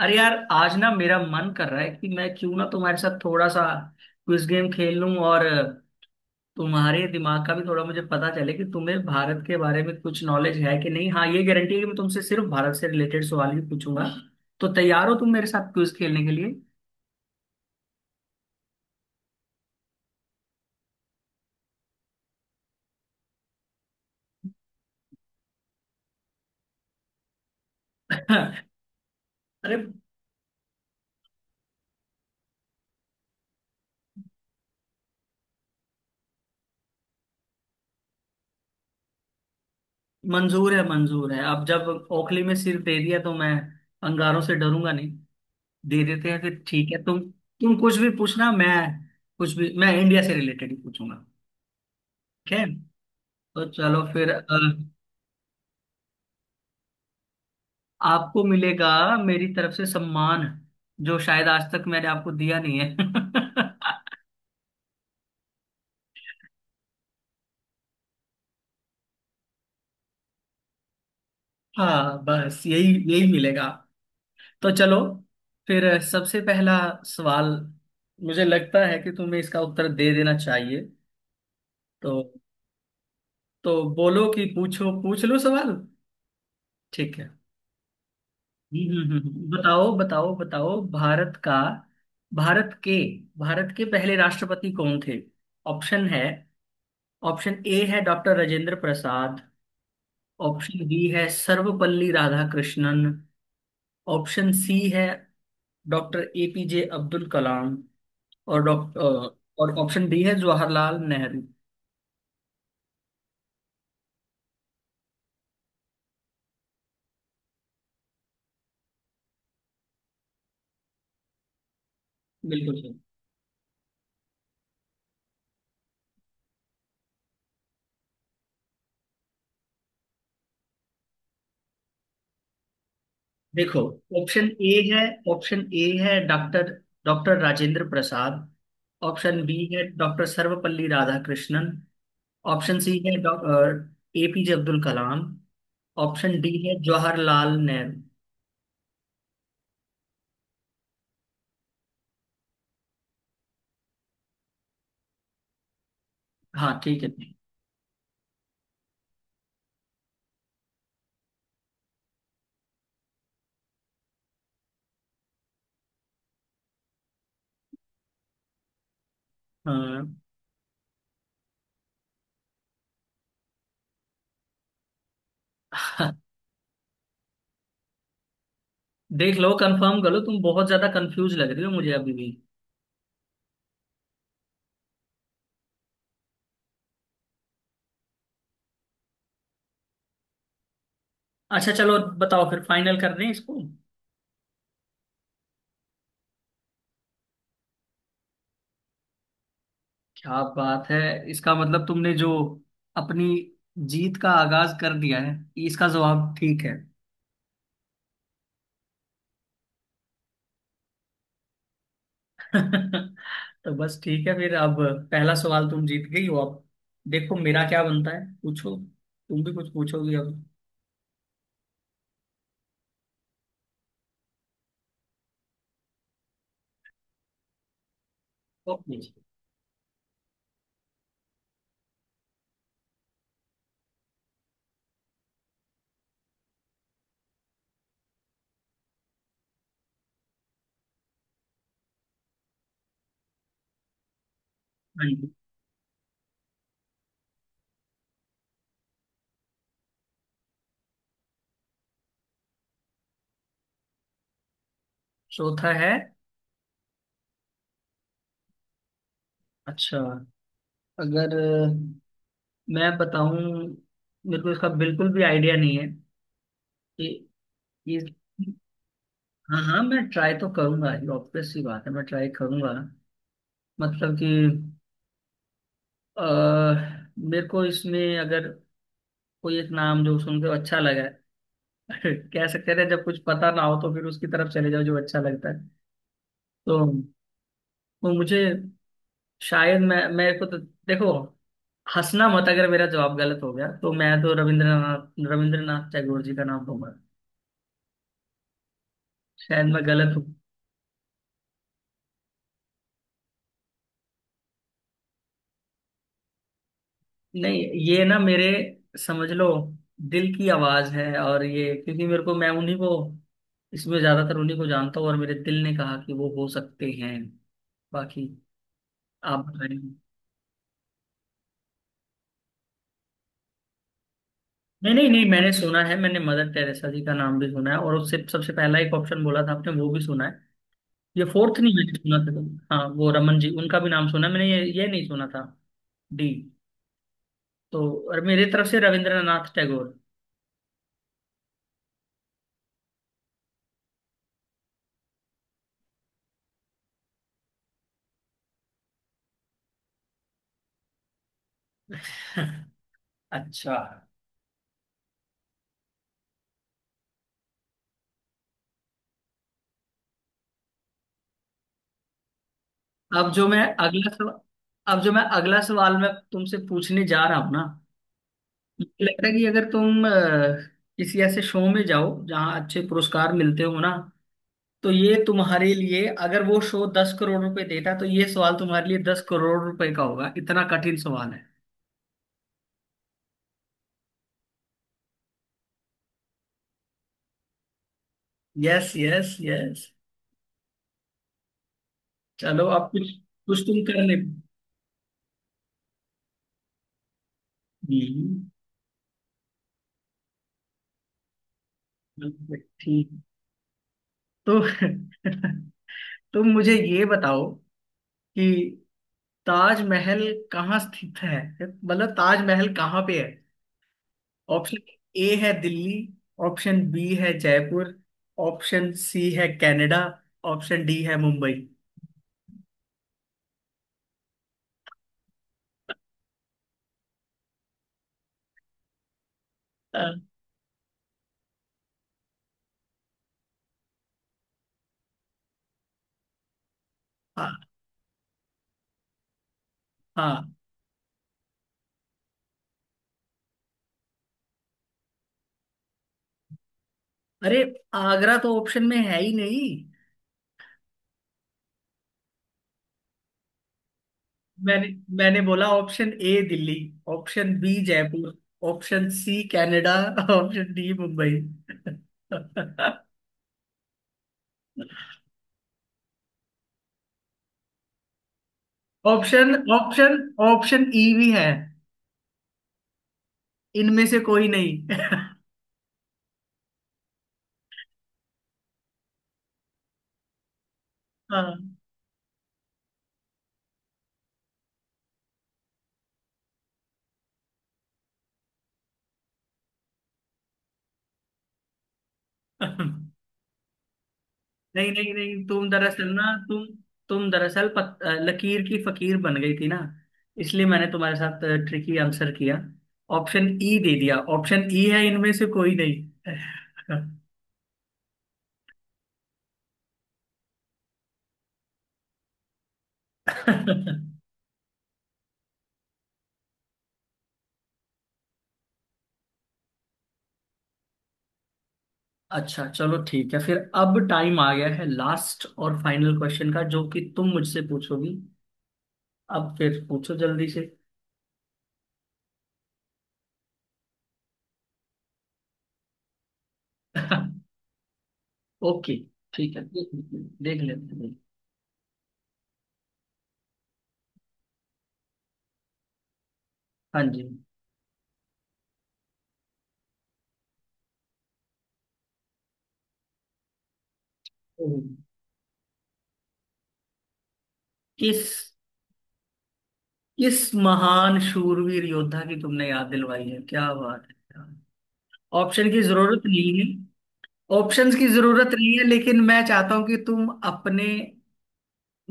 अरे यार आज ना मेरा मन कर रहा है कि मैं क्यों ना तुम्हारे साथ थोड़ा सा क्विज गेम खेल लूं। और तुम्हारे दिमाग का भी थोड़ा मुझे पता चले कि तुम्हें भारत के बारे में कुछ नॉलेज है कि नहीं। हाँ, ये गारंटी है कि मैं तुमसे सिर्फ भारत से रिलेटेड सवाल ही पूछूंगा। तो तैयार हो तुम मेरे साथ क्विज खेलने के लिए? अरे। मंजूर है, मंजूर है। अब जब ओखली में सिर दे दिया तो मैं अंगारों से डरूंगा नहीं। दे देते हैं फिर। ठीक है। तुम कुछ भी पूछना। मैं कुछ भी मैं इंडिया से रिलेटेड ही पूछूंगा। ठीक है। तो चलो फिर आपको मिलेगा मेरी तरफ से सम्मान, जो शायद आज तक मैंने आपको दिया नहीं है। हाँ, बस यही यही मिलेगा। तो चलो फिर, सबसे पहला सवाल मुझे लगता है कि तुम्हें इसका उत्तर दे देना चाहिए। तो तो बोलो कि पूछ लो सवाल। ठीक है। बताओ बताओ बताओ, भारत के भारत के पहले राष्ट्रपति कौन थे? ऑप्शन है। ऑप्शन ए है doctor Rajendra Prasad. Option B है सर्वपल्ली राधाकृष्णन। ऑप्शन सी है डॉक्टर एपीजे अब्दुल कलाम। और डॉक्टर और ऑप्शन डी है जवाहरलाल नेहरू। बिल्कुल सही। देखो, ऑप्शन ए है ऑप्शन ए है doctor doctor Rajendra Prasad. Option B है doctor Sarvepalli Radhakrishnan. Option C है doctor APJ Abdul Kalam. Option D है जवाहरलाल नेहरू। हाँ, ठीक है। हाँ। देख लो, कंफर्म कर लो, तुम बहुत ज्यादा कंफ्यूज लग रही हो मुझे अभी भी। अच्छा, चलो बताओ फिर, फाइनल कर दें इसको। क्या बात है। इसका मतलब तुमने जो अपनी जीत का आगाज कर दिया है। इसका जवाब ठीक है। तो बस, ठीक है फिर। अब पहला सवाल तुम जीत गई हो। अब देखो मेरा क्या बनता है। पूछो, तुम भी कुछ पूछोगी अब। ओके जी। हाँ जी। चौथा है। अच्छा, अगर मैं बताऊं, मेरे को इसका बिल्कुल भी आइडिया नहीं है कि ये। हाँ हाँ, मैं ट्राई तो करूंगा, ये ऑब्वियस सी बात है, मैं ट्राई करूंगा। मतलब कि अह, मेरे को इसमें अगर कोई एक नाम जो सुन के अच्छा लगा है। कह सकते हैं, जब कुछ पता ना हो तो फिर उसकी तरफ चले जाओ जो अच्छा लगता है। तो तो मुझे, शायद मैं, मेरे को तो देखो, हंसना मत अगर मेरा जवाब गलत हो गया तो मैं तो रविंद्रनाथ रविंद्रनाथ टैगोर जी का नाम दूंगा। शायद मैं गलत। नहीं, ये ना मेरे, समझ लो, दिल की आवाज है। और ये क्योंकि मेरे को, मैं उन्हीं को इसमें, ज्यादातर उन्हीं को जानता हूँ, और मेरे दिल ने कहा कि वो हो सकते हैं। बाकी आप बताइए। नहीं नहीं नहीं, मैंने सुना है, मैंने मदर टेरेसा जी का नाम भी सुना है। और उससे सबसे पहला एक ऑप्शन बोला था आपने, वो भी सुना है। ये फोर्थ नहीं मैंने सुना था। हाँ, वो रमन जी, उनका भी नाम सुना है, मैंने ये नहीं सुना था। डी तो। और मेरी तरफ से रविंद्रनाथ टैगोर। अच्छा। अब जो मैं अगला सवाल अब जो मैं अगला सवाल मैं तुमसे पूछने जा रहा हूँ ना, मुझे लगता है कि अगर तुम किसी ऐसे शो में जाओ जहाँ अच्छे पुरस्कार मिलते हो ना, तो ये तुम्हारे लिए, अगर वो शो 10 करोड़ रुपए देता तो ये सवाल तुम्हारे लिए 10 करोड़ रुपए का होगा, इतना कठिन सवाल है। Yes yes yes. चलो, अब कुछ कुछ तुम कर ले। हम्म, ठीक। तो तुम मुझे ये बताओ कि ताजमहल कहाँ स्थित है, मतलब ताजमहल कहाँ पे है? ऑप्शन ए है दिल्ली। ऑप्शन बी है जयपुर। ऑप्शन सी है कनाडा। ऑप्शन डी है मुंबई। अ, हाँ हाँ। अरे, आगरा तो ऑप्शन में है ही नहीं। मैंने मैंने बोला option A Delhi, option B Jaipur, option C Canada, option D Mumbai. Option option option E भी है, इनमें से कोई नहीं। हाँ। नहीं नहीं नहीं, तुम दरअसल ना, तुम तुम दरअसल लकीर की फकीर बन गई थी ना, इसलिए मैंने तुम्हारे साथ ट्रिकी आंसर किया, ऑप्शन ई दे दिया। ऑप्शन ई है इनमें से कोई नहीं। अच्छा, चलो ठीक है फिर, अब टाइम आ गया है लास्ट और फाइनल क्वेश्चन का, जो कि तुम मुझसे पूछोगी। अब फिर पूछो जल्दी से। ओके, ठीक है, देख देख लेते हैं। हाँ जी। किस किस महान शूरवीर योद्धा की तुमने याद दिलवाई है, क्या बात है। ऑप्शन की जरूरत नहीं है। ऑप्शंस की जरूरत नहीं है, लेकिन मैं चाहता हूं कि तुम अपने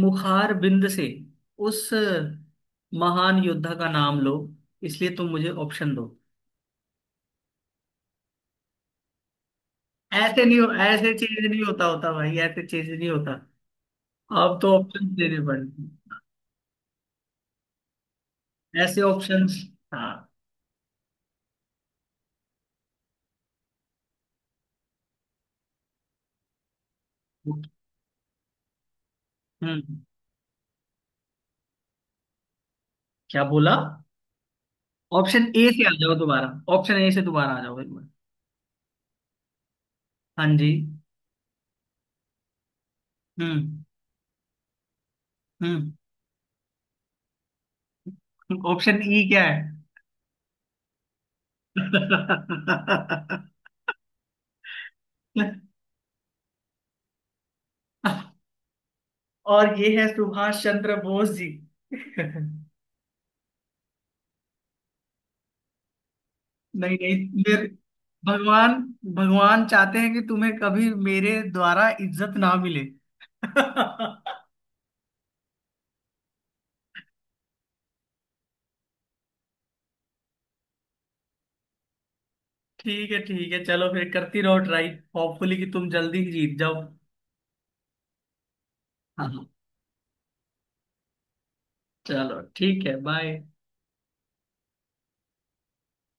मुखार बिंद से उस महान योद्धा का नाम लो। इसलिए तुम मुझे ऑप्शन दो। ऐसे नहीं हो, ऐसे चीज नहीं होता होता भाई, ऐसे चीज नहीं होता। अब तो ऑप्शन देने पड़ेंगे। ऐसे ऑप्शंस। हाँ। हम्म। क्या बोला? ऑप्शन ए से आ जाओ दोबारा। ऑप्शन ए से दोबारा आ जाओ एक बार। हाँ जी। हम्म। हम्म। ऑप्शन ई क्या है? और ये है सुभाष चंद्र बोस जी। नहीं। नहीं, मेरे भगवान, भगवान चाहते हैं कि तुम्हें कभी मेरे द्वारा इज्जत ना मिले। ठीक है, ठीक है, चलो फिर करती रहो ट्राई, होपफुली कि तुम जल्दी ही जीत जाओ। हाँ। चलो ठीक है, बाय।